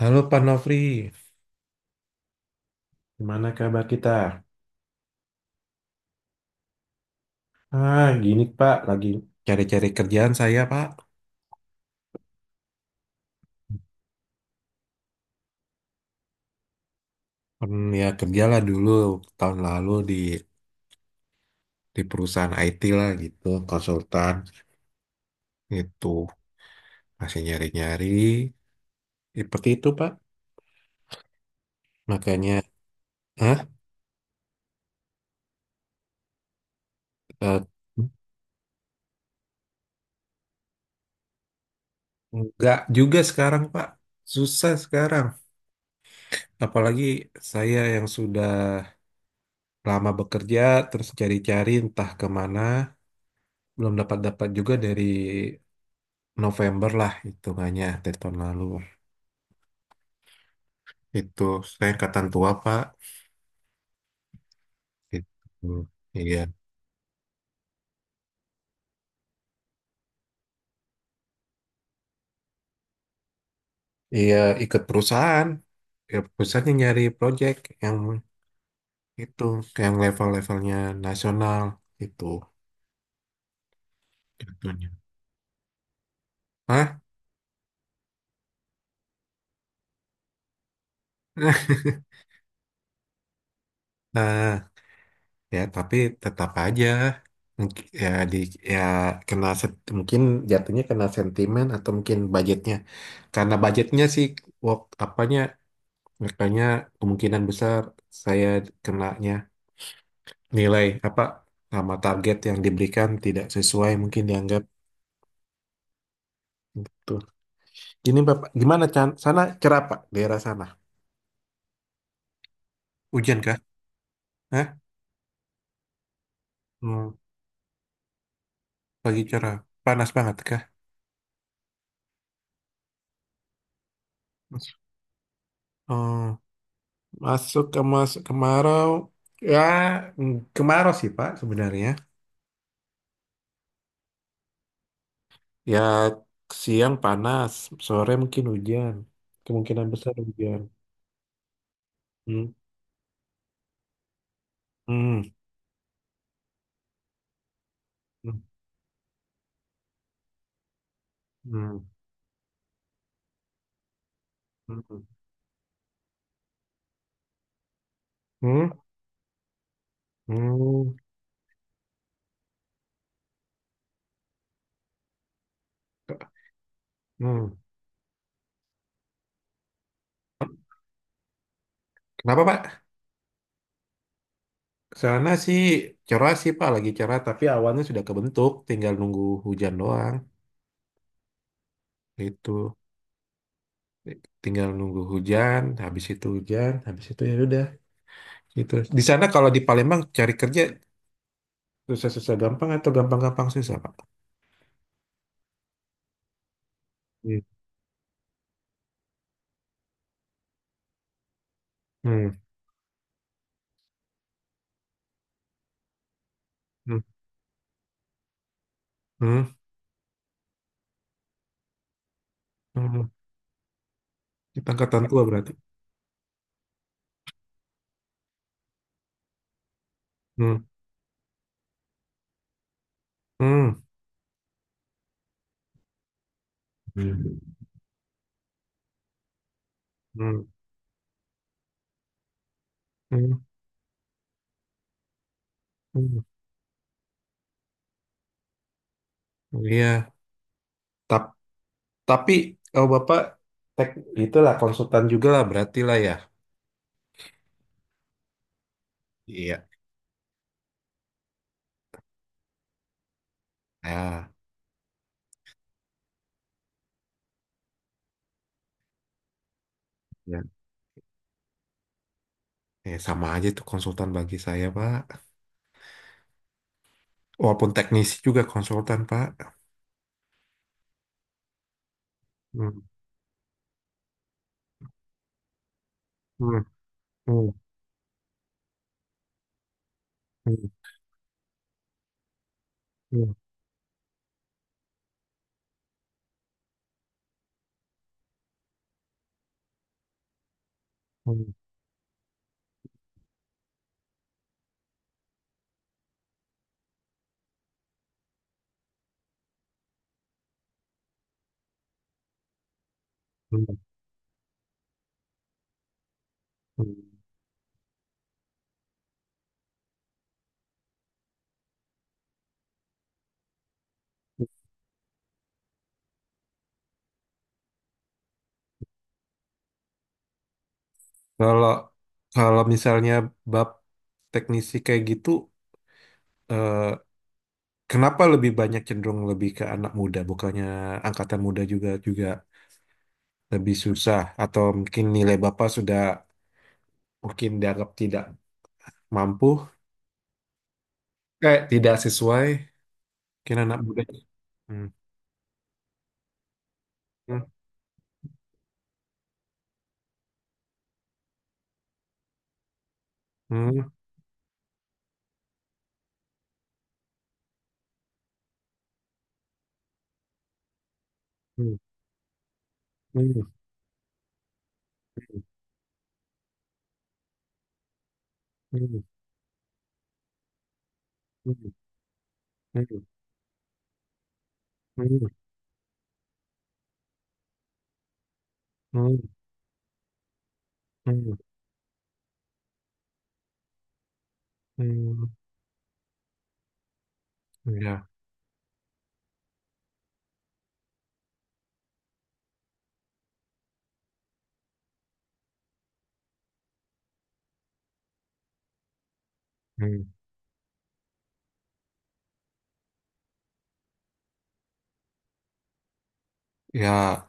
Halo Pak Nofri, gimana kabar kita? Gini Pak, lagi cari-cari kerjaan saya Pak. Ya kerjalah dulu tahun lalu di perusahaan IT lah gitu, konsultan gitu, masih nyari-nyari, ya, seperti itu Pak. Makanya, ah, eh, nggak juga sekarang Pak, susah sekarang. Apalagi saya yang sudah lama bekerja, terus cari-cari entah kemana, belum dapat-dapat juga dari November lah hitungannya dari tahun lalu. Itu saya angkatan tua, Pak. Gitu. Iya. Iya, ikut perusahaan. Ya, perusahaan yang nyari project yang itu, yang level-levelnya nasional itu jatuhnya. Hah? Nah, ya tapi tetap aja Mungkin- ya di ya kena mungkin jatuhnya kena sentimen atau mungkin budgetnya. Karena budgetnya sih wak, apanya makanya kemungkinan besar saya kenanya nilai apa sama target yang diberikan tidak sesuai mungkin dianggap betul. Ini Bapak, gimana Chan? Sana cerah Pak, daerah sana. Hujan kah? Hah? Hmm, pagi cerah. Panas banget kah? Oh, masuk kemarau. Ya, kemarau sih Pak sebenarnya. Ya, siang panas, sore mungkin hujan. Kemungkinan besar hujan. Hmm. Hmm. Hmm. Hmm. Hmm. Hmm? Hmm. Hmm. Kenapa Pak? Sana sih cerah sih Pak, lagi cerah. Tapi awannya sudah kebentuk, tinggal nunggu hujan doang. Itu, tinggal nunggu hujan. Habis itu hujan, habis itu ya udah. Gitu. Di sana kalau di Palembang cari kerja susah-susah gampang atau gampang-gampang susah Pak? Hmm. Hmm. Hmm. Hmm. Hmm. Kita angkatan tua berarti. Hmm. Hmm. Hmm. Hmm. Hmm. Hmm. Iya. Tapi. Tapi kalau Bapak tek itulah konsultan juga lah berarti lah ya. Iya. Ah, ya. Sama aja itu konsultan bagi saya, Pak. Walaupun teknisi juga konsultan, Pak. Hmm. Hmm. Hmm. Hmm. Hmm. Hmm. Hmm. Hmm. Kalau kalau misalnya bab teknisi kayak gitu, eh, kenapa lebih banyak cenderung lebih ke anak muda, bukannya angkatan muda juga juga lebih susah atau mungkin nilai Bapak sudah mungkin dianggap tidak mampu, kayak tidak sesuai kira anak muda. Hmm. Hmm. Hmm. Hmm. Hmm. Hmm. Hmm. Hmm. Hmm. Hmm. Hmm. Hmm. Ya, hmm. Ya,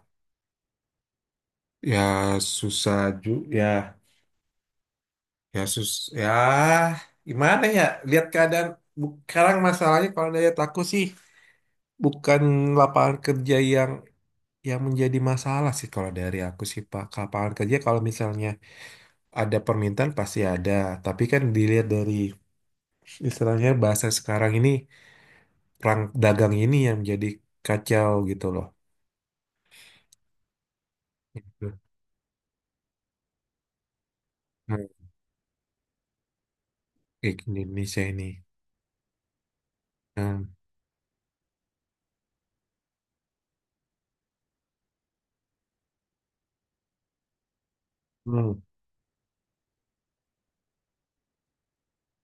ya susah juga. Ya, ya sus. Ya, gimana ya? Lihat keadaan. Sekarang masalahnya kalau dari aku sih bukan lapangan kerja yang menjadi masalah sih kalau dari aku sih Pak. Ke Lapangan kerja kalau misalnya ada permintaan pasti ada, tapi kan dilihat dari istilahnya bahasa sekarang ini perang dagang ini yang jadi kacau gitu loh. Nah, kayak Indonesia ini. Hmm. Hmm.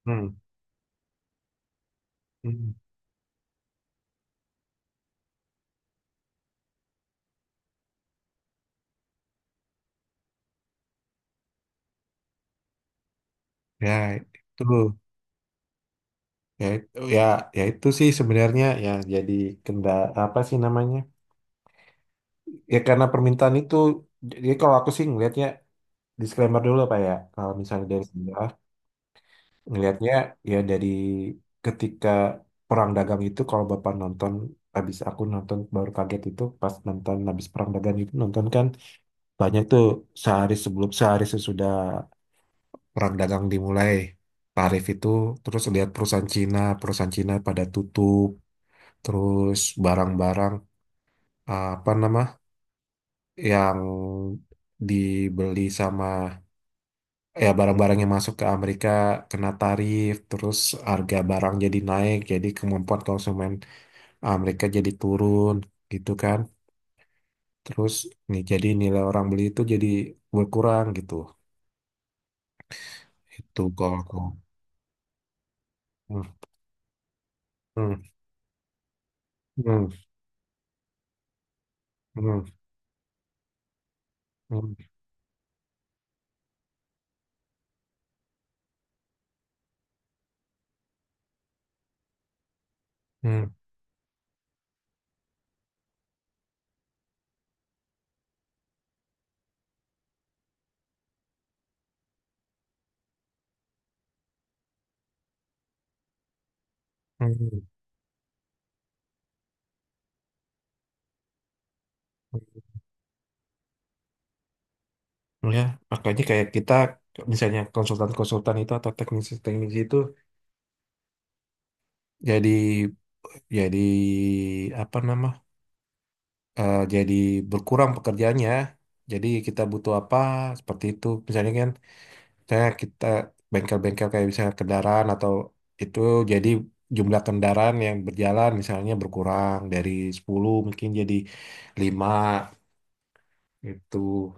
Hmm. Hmm. Ya itu ya itu ya ya itu sih sebenarnya ya jadi kenda apa sih namanya? Ya karena permintaan itu jadi kalau aku sih ngelihatnya disclaimer dulu Pak ya. Kalau misalnya dari ngelihatnya ya dari ketika Perang Dagang itu kalau Bapak nonton habis aku nonton baru kaget itu pas nonton habis Perang Dagang itu nonton kan banyak tuh sehari sebelum sehari sesudah Perang Dagang dimulai tarif itu terus lihat perusahaan Cina pada tutup terus barang-barang eh, apa nama yang dibeli sama ya barang-barang yang masuk ke Amerika kena tarif, terus harga barang jadi naik, jadi kemampuan konsumen Amerika jadi turun gitu kan. Terus nih jadi nilai orang beli itu jadi berkurang gitu. Itu kalau hmm. Hmm. Hmm. Hmm. Hmm. Hmm. Hmm. Ya, makanya kayak kita misalnya konsultan-konsultan itu atau teknisi-teknisi itu jadi jadi apa nama jadi berkurang pekerjaannya. Jadi kita butuh apa seperti itu. Misalnya kan, misalnya kita bengkel-bengkel kayak misalnya kendaraan atau itu jadi jumlah kendaraan yang berjalan misalnya berkurang dari 10 mungkin jadi 5 itu.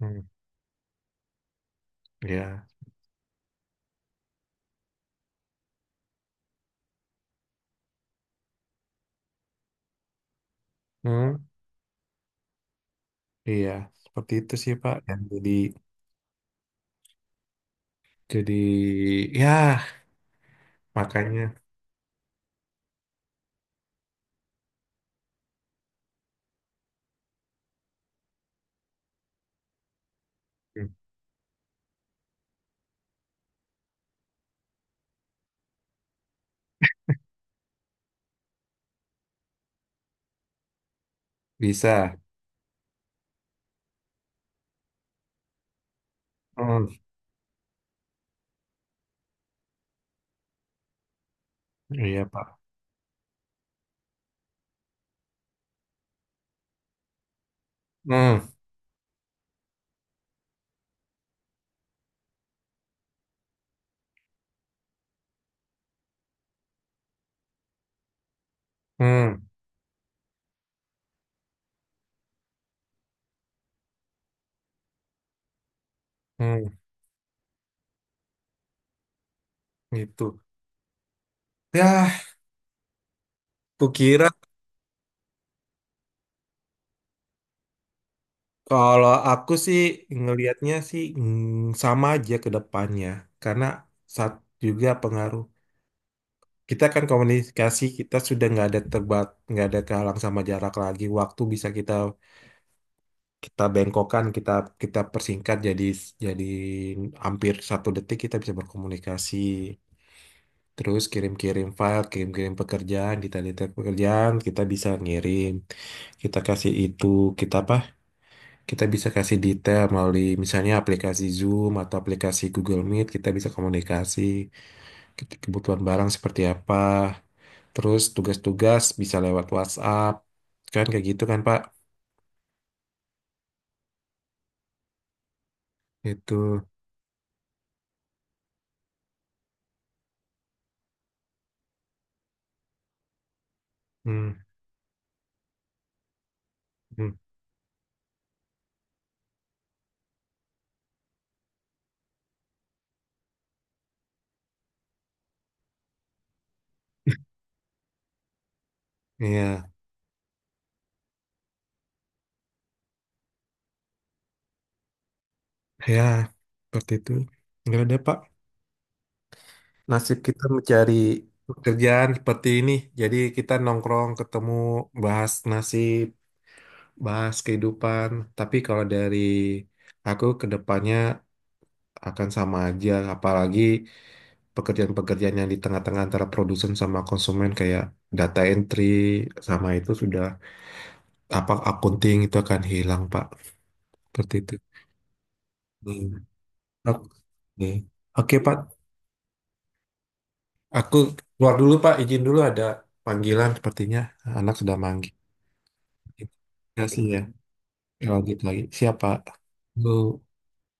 Hmm, ya. Hmm, iya, seperti itu sih Pak. Dan jadi ya makanya hmm, bisa. Hmm, iya Pak. Hmm. Hmm. Hmm, gitu. Ya, kukira kalau aku sih ngelihatnya sih sama aja ke depannya karena saat juga pengaruh kita kan komunikasi kita sudah nggak ada nggak ada kehalang sama jarak lagi waktu bisa kita kita bengkokkan kita kita persingkat jadi hampir 1 detik kita bisa berkomunikasi terus kirim-kirim file kirim-kirim pekerjaan detail-detail pekerjaan kita bisa ngirim kita kasih itu kita apa kita bisa kasih detail melalui misalnya aplikasi Zoom atau aplikasi Google Meet, kita bisa komunikasi kebutuhan barang seperti apa. Terus tugas-tugas bisa lewat WhatsApp. Kan kayak gitu kan, Pak? Itu. Hmm. Hmm. Iya. Ya, seperti itu. Enggak ada, Pak. Nasib kita mencari pekerjaan seperti ini. Jadi kita nongkrong, ketemu, bahas nasib, bahas kehidupan. Tapi kalau dari aku ke depannya akan sama aja apalagi pekerjaan-pekerjaan yang di tengah-tengah antara produsen sama konsumen kayak data entry sama itu sudah apa accounting itu akan hilang Pak seperti itu. Hmm. Oke. Oke Pak, aku keluar dulu Pak izin dulu ada panggilan sepertinya anak sudah manggil terima kasih ya. Ya, lanjut lagi siapa Bu.